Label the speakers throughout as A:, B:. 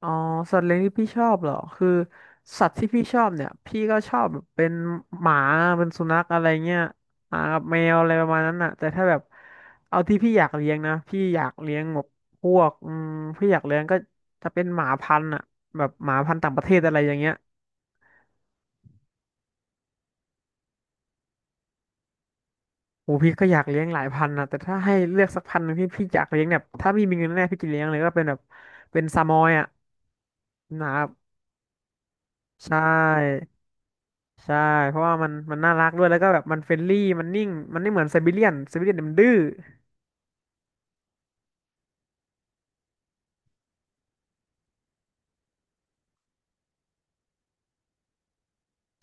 A: อ๋อสัตว์เลี้ยงที่พี่ชอบเหรอคือสัตว์ที่พี่ชอบเนี่ยพี่ก็ชอบแบบเป็นหมาเป็นสุนัขอะไรเงี้ยหมากับแมวอะไรประมาณนั้นน่ะแต่ถ้าแบบเอาที่พี่อยากเลี้ยงนะพี่อยากเลี้ยงแบบพวกพี่อยากเลี้ยงก็จะเป็นหมาพันธุ์อ่ะแบบหมาพันธุ์ต่างประเทศอะไรอย่างเงี้ยโอ้พี่ก็อยากเลี้ยงหลายพันธุ์นะแต่ถ้าให้เลือกสักพันธุ์หนึ่งที่พี่อยากเลี้ยงเนี่ยถ้ามีเงินแน่พี่จะเลี้ยงเลยก็เป็นแบบเป็นซามอยอ่ะนะครับใช่ ใช่เพราะว่ามันน่ารักด้วยแล้วก็แบบมันเฟรนลี่มันนิ่งมันไม่เหมือนไซบีเรียนไซบีเรียนมันดื้อ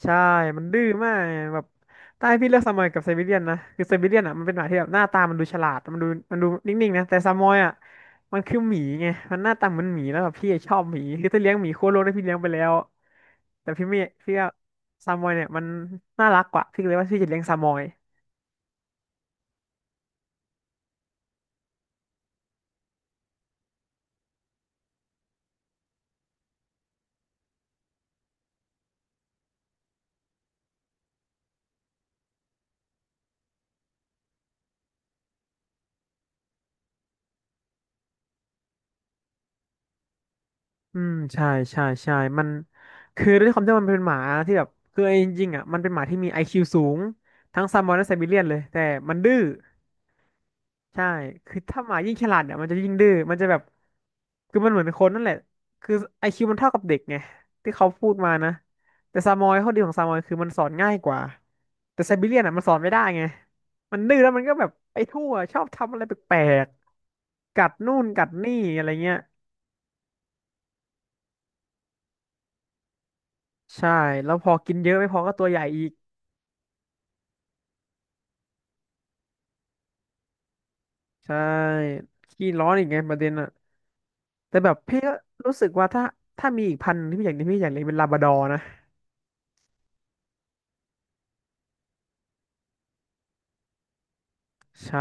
A: ใช่มันดื้อมากแบบถ้าให้พี่เลือกซามอยกับไซบีเรียนนะคือไซบีเรียนอ่ะมันเป็นหมาที่แบบหน้าตามันดูฉลาดมันดูนิ่งๆนะแต่ซามอยอ่ะมันคือหมีไงมันหน้าตาเหมันหมีแล้วแบบพี่ชอบหมีคือถ้าเลี้ยงหมีโคโลกได้พี่เลี้ยงไปแล้วแต่พี่ไม่พี่ว่าซามอยเนี่ยมันน่ารักกว่าพี่เลยว่าพี่จะเลี้ยงซามอย อืมใช่ใช่ใช่มันคือด้วยความที่มันเป็นหมาที่แบบคือเอาจริงๆอ่ะมันเป็นหมาที่มีไอคิวสูงทั้งซามบอนและไซบีเรียนเลยแต่มันดื้อใช่คือถ้าหมายิ่งฉลาดเนี่ยมันจะยิ่งดื้อมันจะแบบคือมันเหมือนคนนั่นแหละคือไอคิวมันเท่ากับเด็กไงที่เขาพูดมานะแต่ซามอยข้อดีของซามอยคือมันสอนง่ายกว่าแต่ไซบีเรียนอ่ะมันสอนไม่ได้ไงมันดื้อแล้วมันก็แบบไปทั่วชอบทำอะไรแปลกๆกัดนู่นกัดนี่อะไรเงี้ยใช่แล้วพอกินเยอะไม่พอก็ตัวใหญ่อีก ใช่ขี้ร้อนอีกไงประเด็นอะแต่แบบพี่ก็รู้สึกว่าถ้ามีอีกพันธุ์ที่พี่อยากเลี้ยงพี่อยากเลี้ยงเป็นลาบราดอร์นะใช่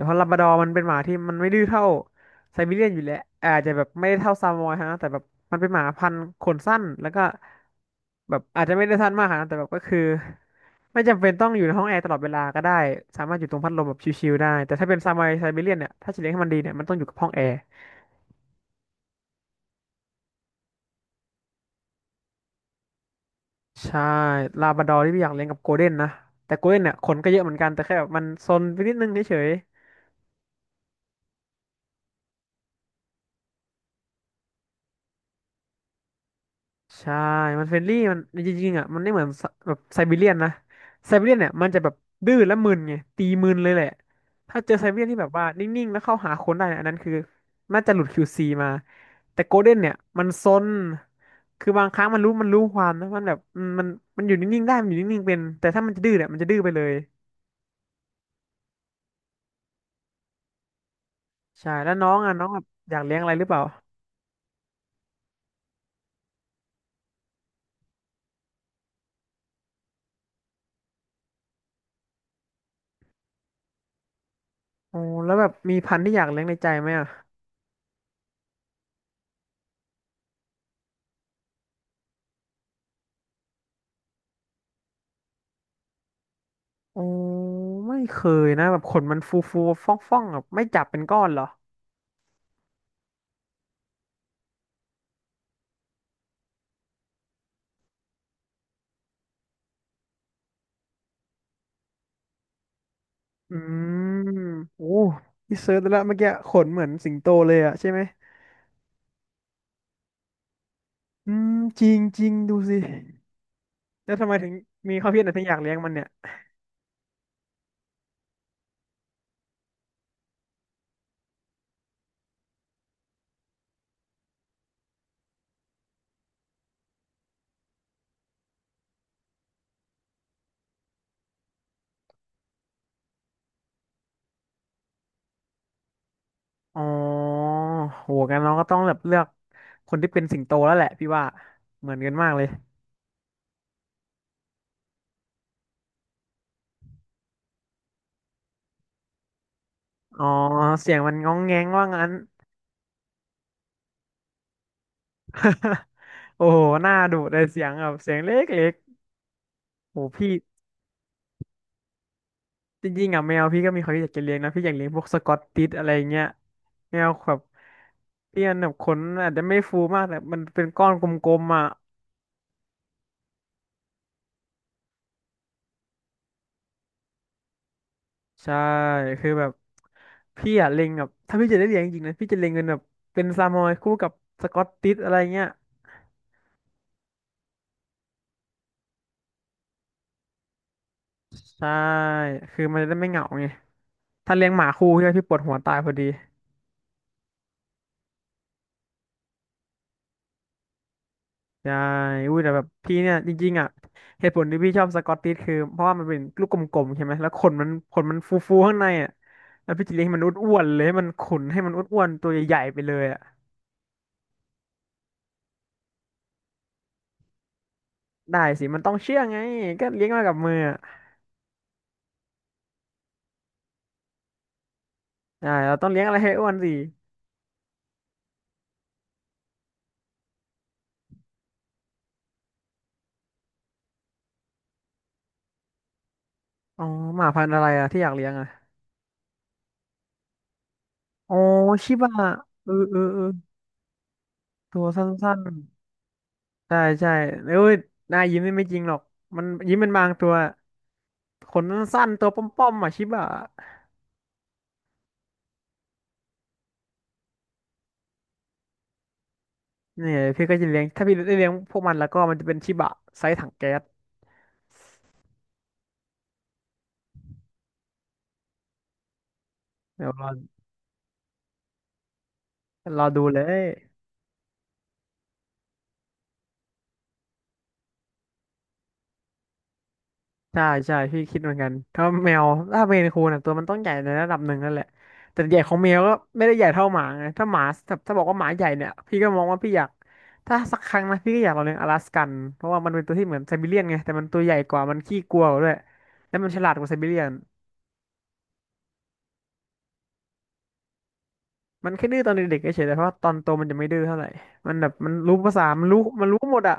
A: เพราะลาบราดอร์มันเป็นหมาที่มันไม่ดื้อเท่าไซบีเรียนอยู่แล้วอาจจะแบบไม่ได้เท่าซามอยฮะแต่แบบมันเป็นหมาพันธุ์ขนสั้นแล้วก็แบบอาจจะไม่ได้สั้นมากฮนะแต่แบบก็คือไม่จำเป็นต้องอยู่ในห้องแอร์ตลอดเวลาก็ได้สามารถอยู่ตรงพัดลมแบบชิลๆได้แต่ถ้าเป็นซามอยไซบีเรียนเนี่ยถ้าจะเลี้ยงให้มันดีเนี่ยมันต้องอยู่กับห้องแอร์ ใช่ลาบราดอร์ที่พี่อยากเลี้ยงกับโกลเด้นนะแต่โกลเด้นเนี่ยขนก็เยอะเหมือนกันแต่แค่แบบมันซนไปนิดนึงเฉยๆใช่มันเฟรนลี่มันจริงๆอ่ะมันไม่เหมือนสแบบไซบีเรียนนะไซบีเรียนเนี่ยมันจะแบบดื้อและมึนไงตีมึนเลยแหละถ้าเจอไซบีเรียนที่แบบว่านิ่งๆแล้วเข้าหาคนได้เนี่ยอันนั้นคือน่าจะหลุด QC มาแต่โกลเด้นเนี่ยมันซนคือบางครั้งมันรู้ความนะมันแบบมันอยู่นิ่งๆได้มันอยู่นิ่งๆเป็นแต่ถ้ามันจะดื้อเนี่ยมันจะดื้อไปเลยใช่แล้วน้องอ่ะน้องแบบอยากเลี้ยงอะไรหรือเปล่า อ๋อแล้วแบบมีพันธุ์ที่อยากเลี้ยงในใจไหมอ่ะอ๋อไม่เคยนะแบบขนมันฟูฟูฟ่องฟ่องๆแบบไม่จับเป็นก้อนเหรออืมโอ้พี่เซิร์ชดแล้วเมื่อกี้ขนเหมือนสิงโตเลยอ่ะใช่ไหมอืมจริงจริงดูสิแล้วทำไมถึงมีความคิดอะไรถึงอยากเลี้ยงมันเนี่ยอ๋อโหกันน้องก็ต้องแบบเลือกคนที่เป็นสิงโตแล้วแหละพี่ว่าเหมือนกันมากเลยอ๋อเสียงมันง้องแง้งว่างั้น โอ้โหหน้าดุเลยเสียงแบบเสียงเล็กๆโอ้พี่ จริงๆอ่ะแมวพี่ก็มีความคิดอยากจะเลี้ยงนะพี่อยากเลี้ยงพวกสกอตติชอะไรเงี้ยแมวแบบพี่อันแบบขนอาจจะไม่ฟูมากแต่มันเป็นก้อนกลมๆอ่ะใช่คือแบบพี่อ่ะเล็งแบบถ้าพี่จะได้เลี้ยงจริงๆนะพี่จะเล็งเป็นแบบเป็นซามอยคู่กับสกอตติชอะไรเงี้ยใช่คือมันจะได้ไม่เหงาไงถ้าเลี้ยงหมาคู่ใช่ไหมพี่ปวดหัวตายพอดี ใช่อุ้ยแต่แบบพี่เนี่ยจริงๆอ่ะเหตุผลที่พี่ชอบสกอตติชคือเพราะว่ามันเป็นลูกกลมๆใช่ไหมแล้วขนมันฟูๆข้างในอ่ะแล้วพี่จะเลี้ยงให้มันอ้วนๆเลยให้มันขนให้มันอ้วนๆตัวใหญ่ๆไปเลยอ่ะได้สิมันต้องเชื่องไงก็เลี้ยงมากับมืออ่ะได้เราต้องเลี้ยงอะไรให้อ้วนสิอ๋อหมาพันธุ์อะไรอ่ะที่อยากเลี้ยงอ่ะอ๋อชิบะเออเออเออตัวสั้นๆใช่ใช่เอ้ยหน้ายิ้มนี่ไม่จริงหรอกมันยิ้มเป็นบางตัวขนสั้นๆตัวป้อมๆอ่ะชิบะ เนี่ยพี่ก็จะเลี้ยงถ้าพี่ได้เลี้ยงพวกมันแล้วก็มันจะเป็นชิบะไซส์ถังแก๊สเดี๋ยวรอรอดูเลยใช่ใช่พี่คิดเหมือนกันถ้าแมวถ้าเมนคูนอ่ะตัวมันต้องใหญ่ในระดับหนึ่งนั่นแหละแต่ใหญ่ของแมวก็ไม่ได้ใหญ่เท่าหมาไงถ้าหมาถ้าบอกว่าหมาใหญ่เนี่ยพี่ก็มองว่าพี่อยากถ้าสักครั้งนะพี่ก็อยากลองเลี้ยงอลาสกันเพราะว่ามันเป็นตัวที่เหมือนไซบีเรียนไงแต่มันตัวใหญ่กว่ามันขี้กลัวกว่าด้วยแล้วมันฉลาดกว่าไซบีเรียน มันแค่ดื้อตอนเด็กๆเฉยๆแต่เพราะว่าตอนโตมันจะไม่ดื้อเท่าไหร่ มันแบบมันรู้ภาษามันรู้หมดอะ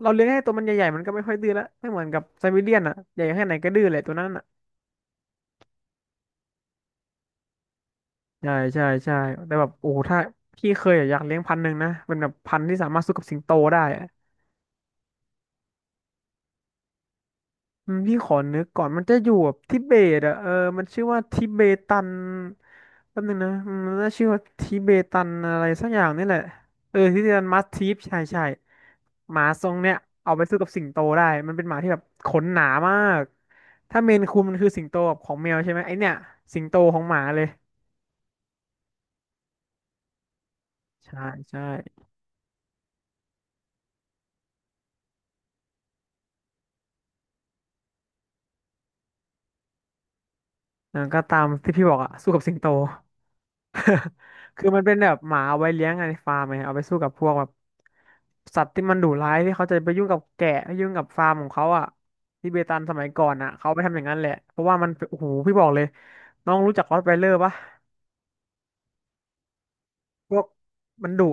A: เราเลี้ยงให้ตัวมันใหญ่ๆมันก็ไม่ค่อยดื้อละไม่เหมือนกับไซบีเรียนอะใหญ่แค่ไหนก็ดื้อแหละตัวนั้นอะใช่ใช่ใช่แต่แบบโอ้โหถ้าพี่เคยอะอยากเลี้ยงพันธุ์หนึ่งนะ เป็นแบบพันธุ์ที่สามารถสู้กับสิงโตได้อะ พี่ขอนึกก่อนมันจะอยู่แบบทิเบตอ่ะเออมันชื่อว่าทิเบตันแป๊บนึงนะมันน่าชื่อว่าทิเบตันอะไรสักอย่างนี่แหละเออทิเบตันมัสทีฟใช่ใช่หมาทรงเนี้ยเอาไปสู้กับสิงโตได้มันเป็นหมาที่แบบขนหนามากถ้าเมนคูนมันคือสิงโตแบบของแมวใช่ไหมไอเนี้ยสิงโตของหมาเลยใช่ใช่อ่าก็ตามที่พี่บอกอ่ะสู้กับสิงโต คือมันเป็นแบบหมาเอาไว้เลี้ยงอะในฟาร์มไงเอาไปสู้กับพวกแบบสัตว์ที่มันดุร้ายที่เขาจะไปยุ่งกับแกะไปยุ่งกับฟาร์มของเขาอ่ะทิเบตันสมัยก่อนอ่ะเขาไปทำอย่างนั้นแหละเพราะว่ามันโอ้โหพี่บอกเลยน้องรู้จักรอตไวเลอร์ปะพวกมันดุ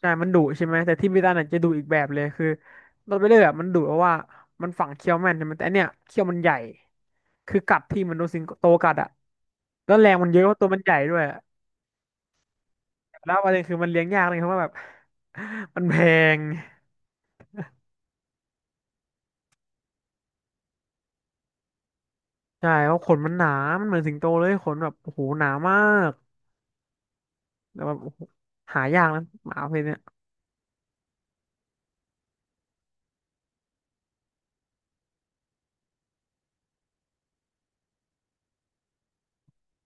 A: ใช่มันดุใช่ไหมแต่ทิเบตันอ่ะจะดุอีกแบบเลยคือรอตไวเลอร์อะมันดุเพราะว่ามันฝังเขี้ยวแม่นใช่ไหมแต่อันเนี้ยเขี้ยวมันใหญ่คือกัดที่มันโดนสิงโตกัดอ่ะแล้วแรงมันเยอะเพราะตัวมันใหญ่ด้วย แล้วประเด็นคือมันเลี้ยงยากเลยครับว่าแบบ มันแพงใช่เพราะขนมันหนามันเหมือนสิงโตเลยขนแบบโอ้โหหนามากแต่แบบโอ้โหหายากนะหมาประเพศเนี้ย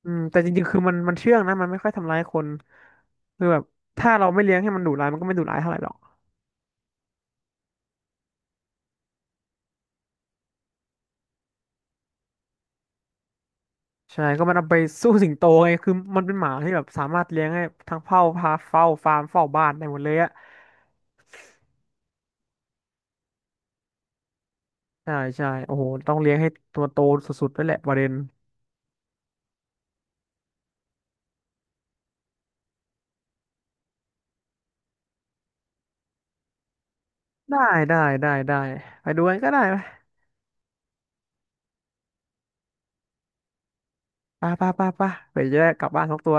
A: แต่จริงๆคือมันเชื่องนะมันไม่ค่อยทำร้ายคนคือแบบถ้าเราไม่เลี้ยงให้มันดุร้ายมันก็ไม่ดุร้ายเท่าไหร่หรอกใช่ก็มันเอาไปสู้สิงโตไงคือมันเป็นหมาที่แบบสามารถเลี้ยงให้ทั้งเฝ้าพาเฝ้าฟาร์มเฝ้าบ้านได้หมดเลยอะใช่ใช่โอ้โหต้องเลี้ยงให้ตัวโตสุดๆด้วยแหละประเด็นได้ได้ได้ได้ไปดูกันก็ได้ไหม ป่ะป่ะป่ะปะเปยจะได้กลับบ้านทุกตัว